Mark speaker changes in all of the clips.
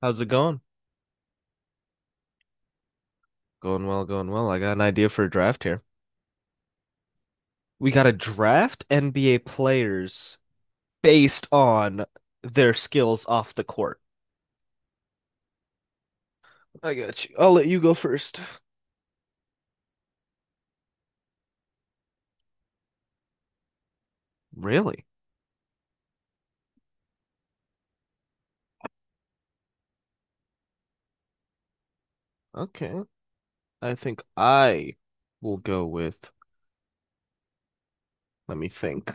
Speaker 1: How's it going? Going well, going well. I got an idea for a draft here. We got to draft NBA players based on their skills off the court. I got you. I'll let you go first. Really? Okay. I think I will go with, let me think.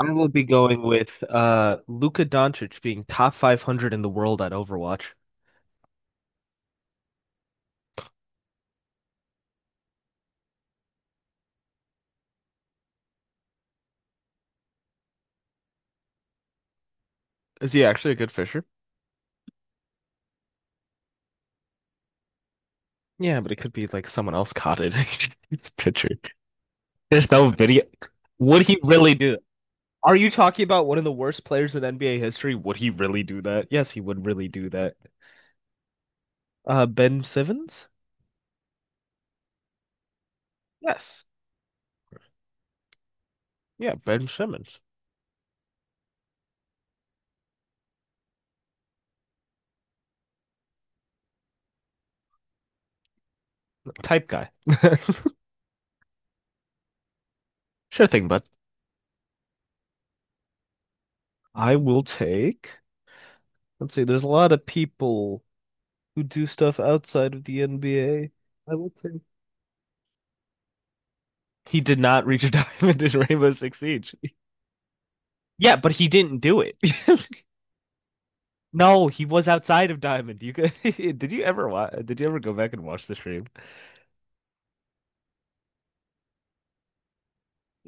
Speaker 1: I will be going with Luka Doncic being top 500 in the world at Overwatch. Is he actually a good fisher? Yeah, but it could be like someone else caught it. It's picture. There's no video. Would he really do— Are you talking about one of the worst players in NBA history? Would he really do that? Yes, he would really do that. Ben Simmons? Yes. Yeah, Ben Simmons. Type guy. Sure thing, bud. I will take. Let's see, there's a lot of people who do stuff outside of the NBA. I will take. He did not reach a diamond in Rainbow Six Siege. Yeah, but he didn't do it. No, he was outside of Diamond. You could, did you ever go back and watch the stream?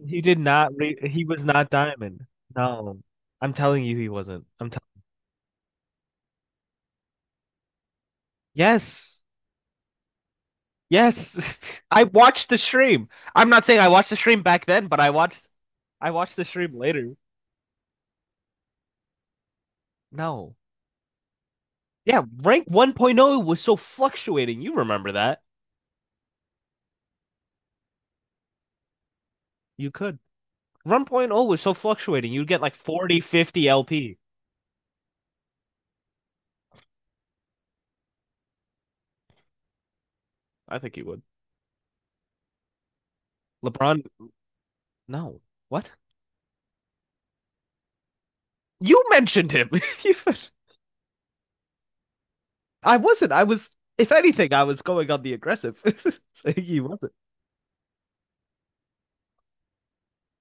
Speaker 1: He was not Diamond. No. I'm telling you he wasn't. I'm telling— Yes. Yes. I watched the stream. I'm not saying I watched the stream back then, but I watched the stream later. No. Yeah, rank 1.0 was so fluctuating. You remember that. You could. 1.0 was so fluctuating. You'd get like 40, fifty 50 LP. I think you would. LeBron, no. What? You mentioned him. You— I wasn't. I was, if anything, I was going on the aggressive. Saying he wasn't.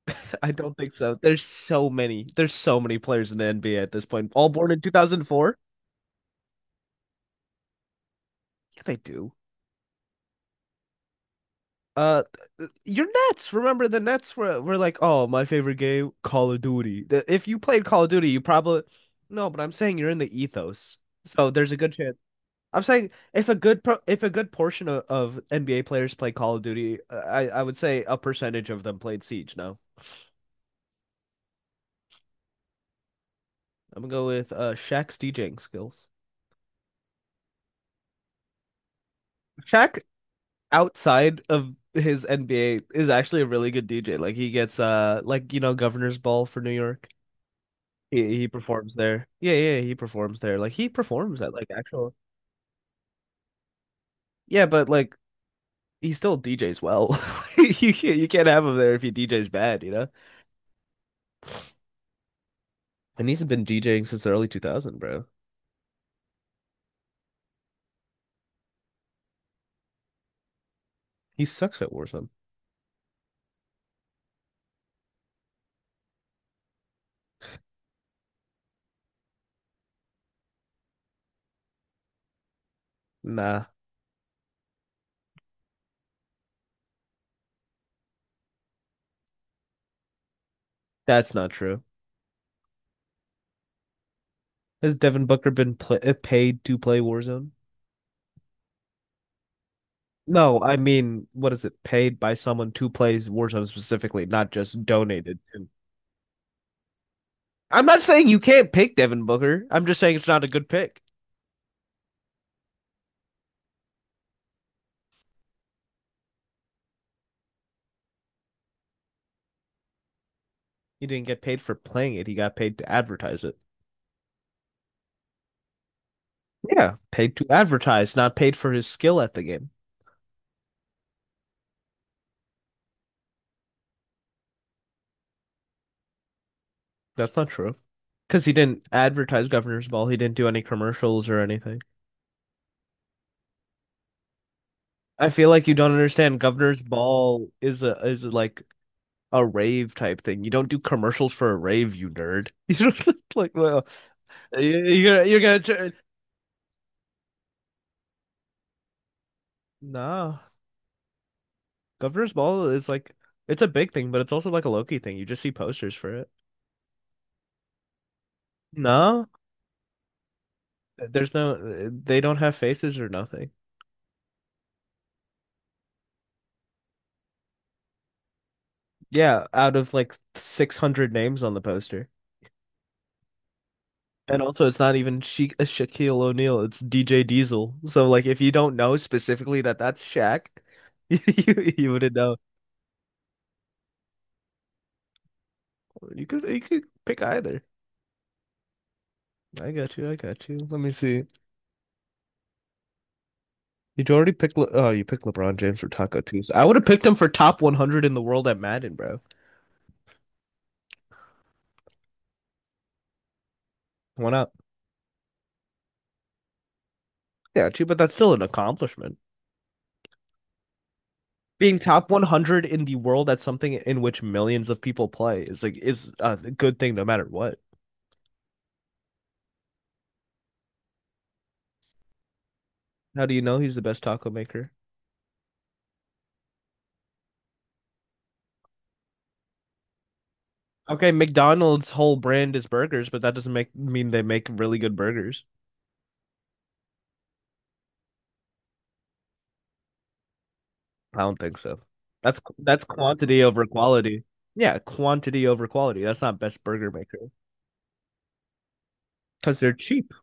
Speaker 1: I don't think so. There's so many. There's so many players in the NBA at this point. All born in 2004? Yeah, they do. Uh, your Nets. Remember the Nets were like, oh, my favorite game, Call of Duty. The— If you played Call of Duty, you probably— No, but I'm saying you're in the ethos, so there's a good chance. I'm saying if a good pro if a good portion of NBA players play Call of Duty, I would say a percentage of them played Siege. No, I'm gonna go with Shaq's DJing skills. Shaq outside of his NBA is actually a really good DJ. Like he gets like Governor's Ball for New York. He performs there. Yeah, yeah, he performs there. Like he performs at like actual— Yeah, but like he still DJs well. You can't have him there if he DJs bad, you know? And he's been DJing since the early 2000, bro. He sucks at Warzone. Nah, that's not true. Has Devin Booker been pl paid to play Warzone? No, I mean, what is it? Paid by someone to play Warzone specifically, not just donated to. I'm not saying you can't pick Devin Booker. I'm just saying it's not a good pick. He didn't get paid for playing it. He got paid to advertise it. Yeah, paid to advertise, not paid for his skill at the game. That's not true. Because he didn't advertise Governor's Ball. He didn't do any commercials or anything. I feel like you don't understand. Governor's Ball is a is like a rave type thing. You don't do commercials for a rave, you nerd. You don't like, well, you- are you're gonna turn. No, Governor's Ball is like it's a big thing, but it's also like a Loki thing. You just see posters for it. No, there's no— they don't have faces or nothing. Yeah, out of like 600 names on the poster. And also, it's not even Shaquille O'Neal, it's DJ Diesel. So, like, if you don't know specifically that that's Shaq, you wouldn't know. You could pick either. I got you. I got you. Let me see. You already picked. Oh, you picked LeBron James for Taco Tuesday. I would have picked him for top 100 in the world at Madden, bro. Why not? Yeah, true, but that's still an accomplishment. Being top 100 in the world at something in which millions of people play is like is a good thing no matter what. How do you know he's the best taco maker? Okay, McDonald's whole brand is burgers, but that doesn't make mean they make really good burgers. I don't think so. That's quantity over quality. Yeah, quantity over quality. That's not best burger maker because they're cheap.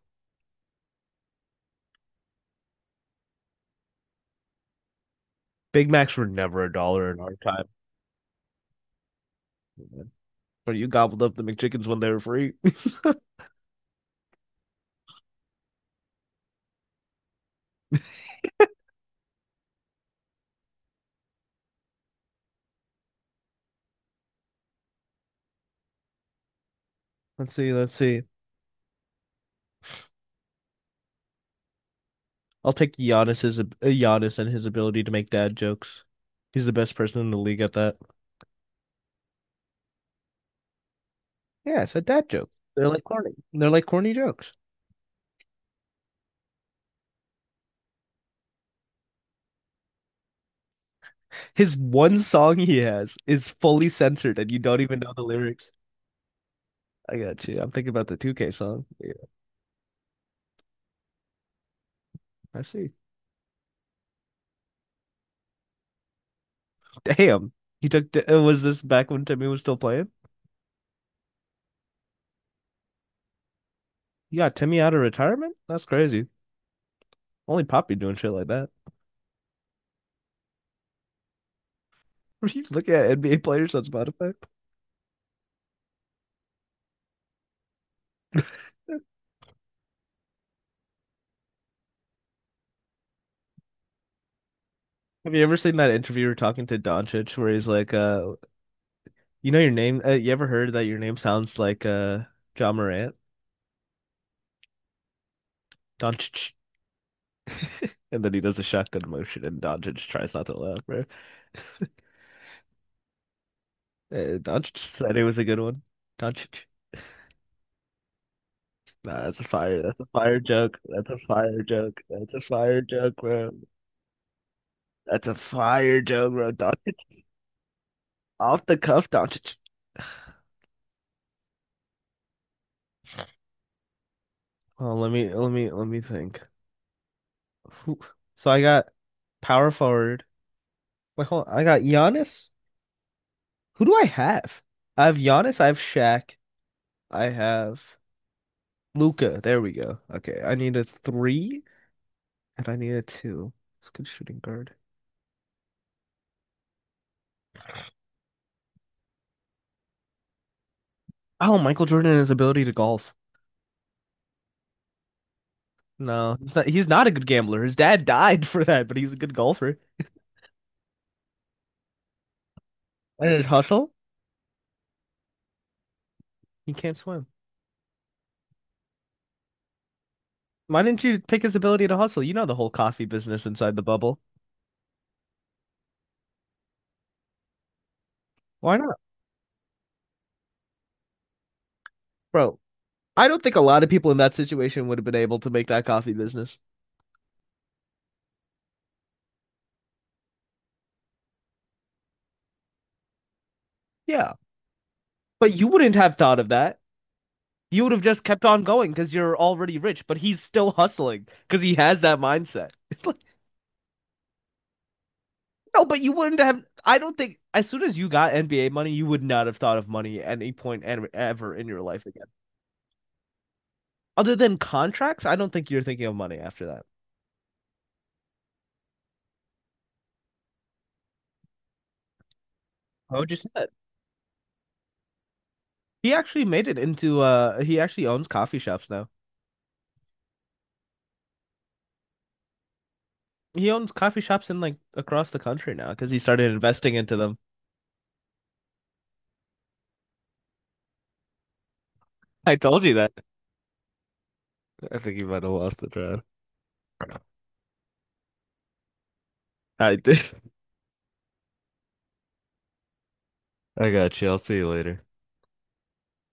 Speaker 1: Big Macs were never a dollar in our time, but you gobbled up the McChickens when they were free. Let's see, let's see. I'll take Giannis and his ability to make dad jokes. He's the best person in the league at that. Yeah, it's a dad joke. They're like corny. They're like corny jokes. His one song he has is fully censored and you don't even know the lyrics. I got you. I'm thinking about the 2K song. Yeah. I see. Damn. He took was this back when Timmy was still playing? You got Timmy out of retirement? That's crazy. Only Poppy doing shit like that. Were you looking at NBA players on Spotify? Have you ever seen that interviewer talking to Doncic where he's like, you know your name. You ever heard that your name sounds like John Morant? Doncic, and then he does a shotgun motion, and Doncic tries not to laugh, bro. Doncic said it was a good one. Doncic. Nah, that's a fire. That's a fire joke. That's a fire joke. That's a fire joke, bro. That's a fire joke, bro. Doncic off the cuff, Doncic. Oh, let me think. Who? So I got power forward. Wait, hold on. I got Giannis. Who do I have? I have Giannis. I have Shaq. I have Luca. There we go. Okay, I need a three and I need a two. It's a good shooting guard. Oh, Michael Jordan and his ability to golf. No, he's not. He's not a good gambler. His dad died for that, but he's a good golfer. And his hustle? He can't swim. Why didn't you pick his ability to hustle? You know the whole coffee business inside the bubble. Why not, bro? I don't think a lot of people in that situation would have been able to make that coffee business. Yeah, but you wouldn't have thought of that. You would have just kept on going because you're already rich, but he's still hustling because he has that mindset. It's like, no, but you wouldn't have. I don't think as soon as you got NBA money, you would not have thought of money at any point ever in your life again. Other than contracts, I don't think you're thinking of money after that. How would you— he actually made it into— he actually owns coffee shops now. He owns coffee shops in like across the country now because he started investing into them. I told you that. I think you might have lost the thread. I did. I got you. I'll see you later.